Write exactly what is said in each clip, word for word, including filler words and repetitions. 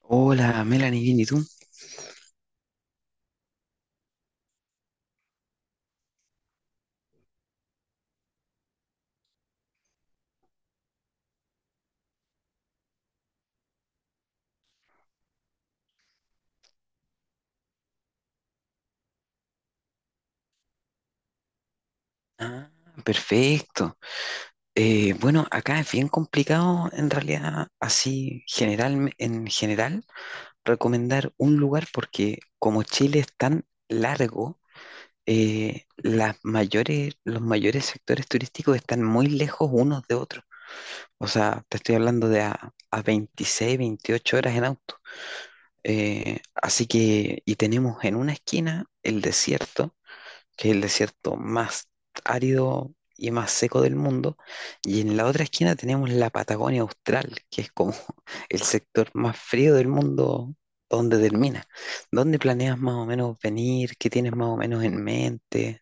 Hola, Melanie, bien, ¿y tú? Ah, perfecto. Eh, bueno, acá es bien complicado en realidad, así general, en general, recomendar un lugar porque como Chile es tan largo, eh, las mayores, los mayores sectores turísticos están muy lejos unos de otros. O sea, te estoy hablando de a, a veintiséis, veintiocho horas en auto. Eh, así que, y tenemos en una esquina el desierto que es el desierto más árido y más seco del mundo, y en la otra esquina tenemos la Patagonia Austral, que es como el sector más frío del mundo donde termina. ¿Dónde planeas más o menos venir? ¿Qué tienes más o menos en mente?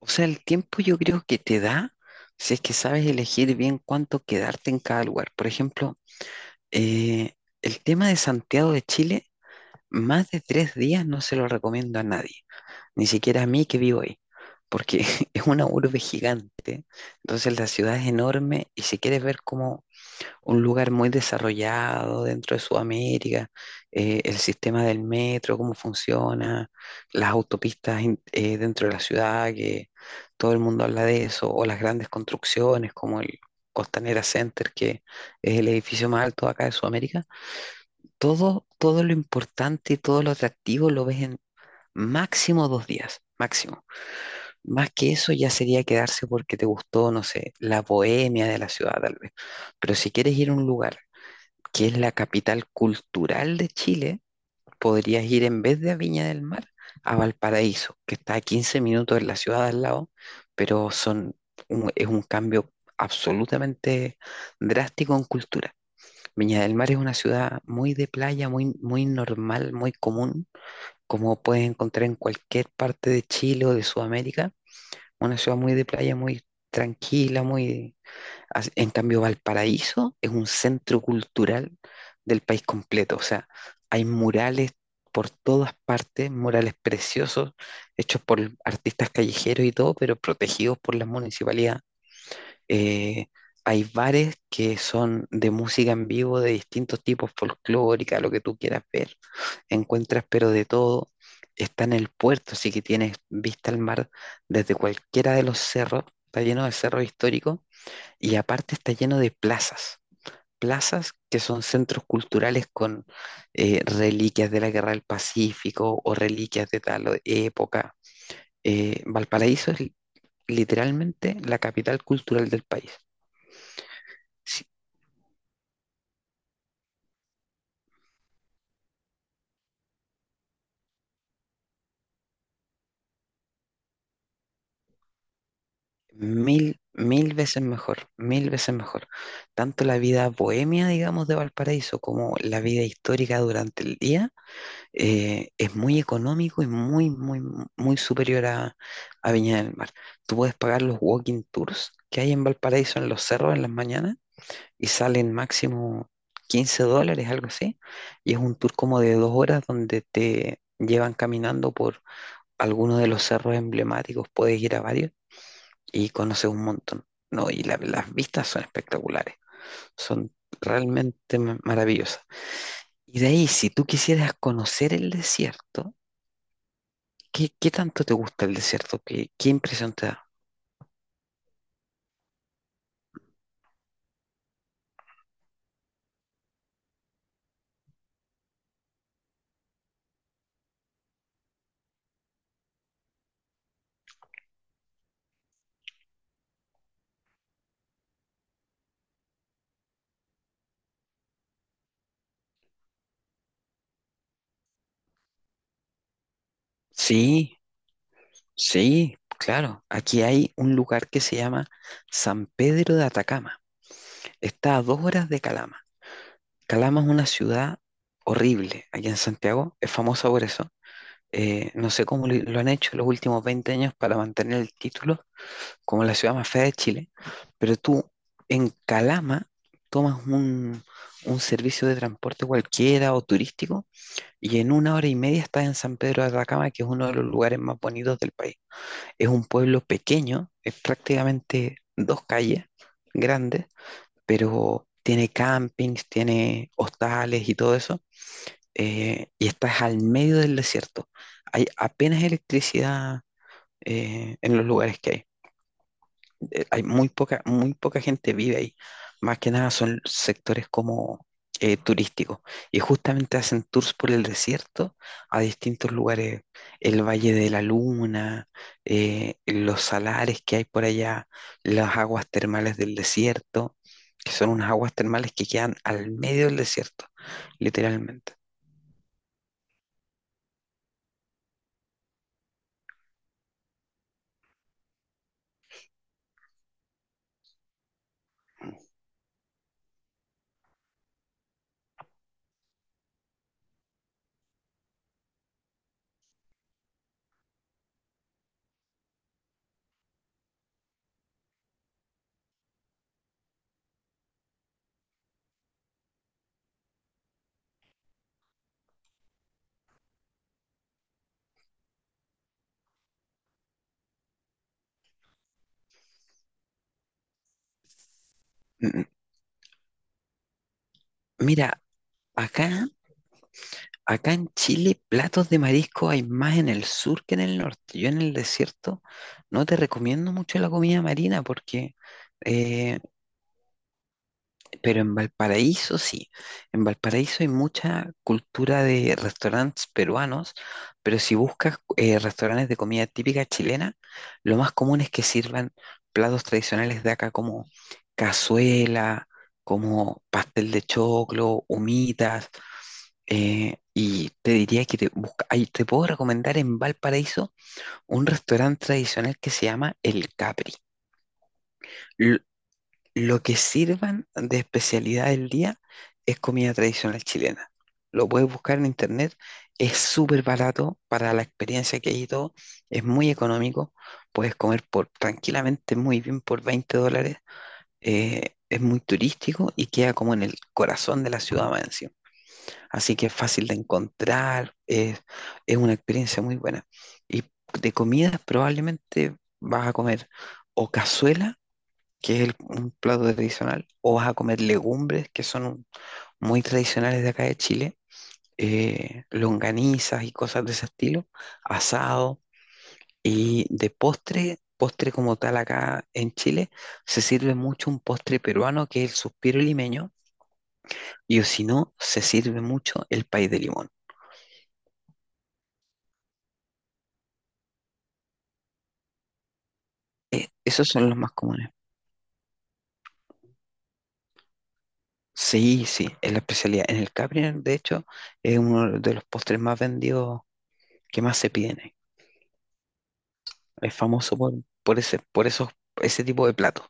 O sea, el tiempo yo creo que te da si es que sabes elegir bien cuánto quedarte en cada lugar. Por ejemplo, eh, el tema de Santiago de Chile, más de tres días no se lo recomiendo a nadie. Ni siquiera a mí que vivo ahí, porque es una urbe gigante, entonces la ciudad es enorme y si quieres ver como un lugar muy desarrollado dentro de Sudamérica, eh, el sistema del metro, cómo funciona, las autopistas in- eh, dentro de la ciudad, que todo el mundo habla de eso, o las grandes construcciones como el... Costanera Center, que es el edificio más alto acá de Sudamérica, todo, todo lo importante y todo lo atractivo lo ves en máximo dos días, máximo. Más que eso ya sería quedarse porque te gustó, no sé, la bohemia de la ciudad tal vez. Pero si quieres ir a un lugar que es la capital cultural de Chile, podrías ir en vez de a Viña del Mar a Valparaíso, que está a quince minutos de la ciudad al lado, pero son un- es un cambio absolutamente drástico en cultura. Viña del Mar es una ciudad muy de playa, muy, muy normal, muy común, como puedes encontrar en cualquier parte de Chile o de Sudamérica, una ciudad muy de playa, muy tranquila, muy... as- En cambio, Valparaíso es un centro cultural del país completo. O sea, hay murales por todas partes, murales preciosos, hechos por artistas callejeros y todo, pero protegidos por la municipalidad. Eh, Hay bares que son de música en vivo de distintos tipos, folclórica, lo que tú quieras ver. Encuentras pero de todo. Está en el puerto, así que tienes vista al mar desde cualquiera de los cerros. Está lleno de cerros históricos y aparte está lleno de plazas. Plazas que son centros culturales con eh, reliquias de la Guerra del Pacífico o reliquias de tal o- época. Eh, Valparaíso es li- literalmente la capital cultural del país. Mil, mil veces mejor, mil veces mejor. Tanto la vida bohemia, digamos, de Valparaíso como la vida histórica durante el día eh, es muy económico y muy, muy, muy superior a, a Viña del Mar. Tú puedes pagar los walking tours que hay en Valparaíso en los cerros en las mañanas y salen máximo quince dólares, algo así. Y es un tour como de dos horas donde te llevan caminando por algunos de los cerros emblemáticos. Puedes ir a varios y conoces un montón. No, y la- las vistas son espectaculares, son realmente ma- maravillosas. Y de ahí, si tú quisieras conocer el desierto, ¿qué, qué tanto te gusta el desierto? ¿Qué, qué impresión te da? Sí, sí, claro. Aquí hay un lugar que se llama San Pedro de Atacama. Está a dos horas de Calama. Calama es una ciudad horrible aquí en Santiago, es famosa por eso. Eh, no sé cómo lo, lo han hecho los últimos veinte años para mantener el título como la ciudad más fea de Chile, pero tú en Calama tomas un, un servicio de transporte cualquiera o turístico y en una hora y media estás en San Pedro de Atacama, que es uno de los lugares más bonitos del país. Es un pueblo pequeño, es prácticamente dos calles grandes, pero tiene campings, tiene hostales y todo eso, eh, y estás al medio del desierto. Hay apenas electricidad eh, en los lugares que hay eh, hay muy poca, muy poca gente vive ahí. Más que nada son sectores como eh, turísticos. Y justamente hacen tours por el desierto a distintos lugares. El Valle de la Luna, eh, los salares que hay por allá, las aguas termales del desierto, que son unas aguas termales que quedan al medio del desierto, literalmente. M- Mira, acá Acá en Chile, platos de marisco hay más en el sur que en el norte. Yo en el desierto no te recomiendo mucho la comida marina porque eh, pero en Valparaíso sí, en Valparaíso hay mucha cultura de restaurantes peruanos, pero si buscas eh, restaurantes de comida típica chilena, lo más común es que sirvan platos tradicionales de acá como cazuela, como pastel de choclo, humitas, eh, y te diría que te, busca- ay, te puedo recomendar en Valparaíso un restaurante tradicional que se llama El Capri. Lo que sirvan de especialidad del día es comida tradicional chilena. Lo puedes buscar en internet, es súper barato para la experiencia que hay y todo, es muy económico, puedes comer por, tranquilamente muy bien por veinte dólares. Eh, es muy turístico y queda como en el corazón de la ciudad más encima. Así que es fácil de encontrar, es, es una experiencia muy buena. Y de comidas probablemente vas a comer o cazuela, que es el- un plato tradicional, o vas a comer legumbres, que son un- muy tradicionales de acá de Chile, eh, longanizas y cosas de ese estilo, asado, y de postre, postre como tal acá en Chile, se sirve mucho un postre peruano que es el suspiro limeño, y o si no, se sirve mucho el pay de limón. Eh, esos son los más comunes. Sí, sí, es la especialidad. En el Capri, de hecho, es uno de los postres más vendidos, que más se piden. Es famoso por, por ese, por esos, ese tipo de platos,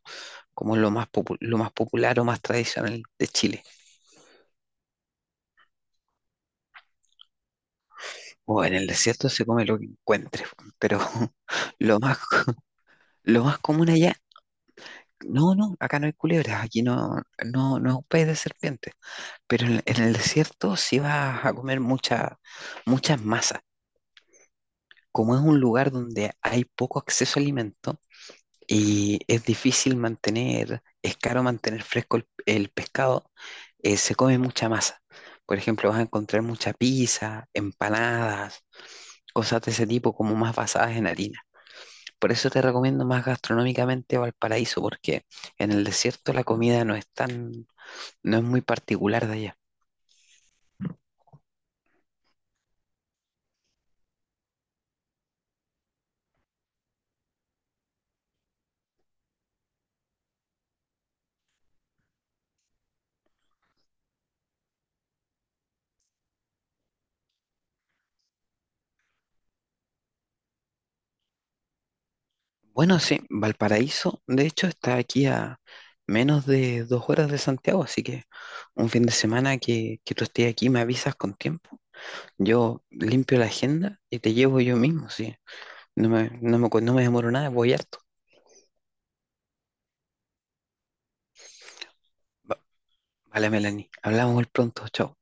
como lo más popu- lo más popular o más tradicional de Chile. O en el desierto se come lo que encuentres, pero lo más, lo más común allá. No, no, acá no hay culebras, aquí no, no, no es un país de serpientes. Pero en, en el desierto sí vas a comer mucha, muchas masas. Como es un lugar donde hay poco acceso a alimentos, y es difícil mantener, es caro mantener fresco el, el pescado, eh, se come mucha masa. Por ejemplo, vas a encontrar mucha pizza, empanadas, cosas de ese tipo como más basadas en harina. Por eso te recomiendo más gastronómicamente Valparaíso, porque en el desierto la comida no es tan, no es muy particular de allá. Bueno, sí, Valparaíso, de hecho, está aquí a menos de dos horas de Santiago, así que un fin de semana que, que tú estés aquí me avisas con tiempo. Yo limpio la agenda y te llevo yo mismo, sí. No me, no me, cu- no me demoro nada, voy harto. Va- Vale, Melanie, hablamos muy pronto, chao.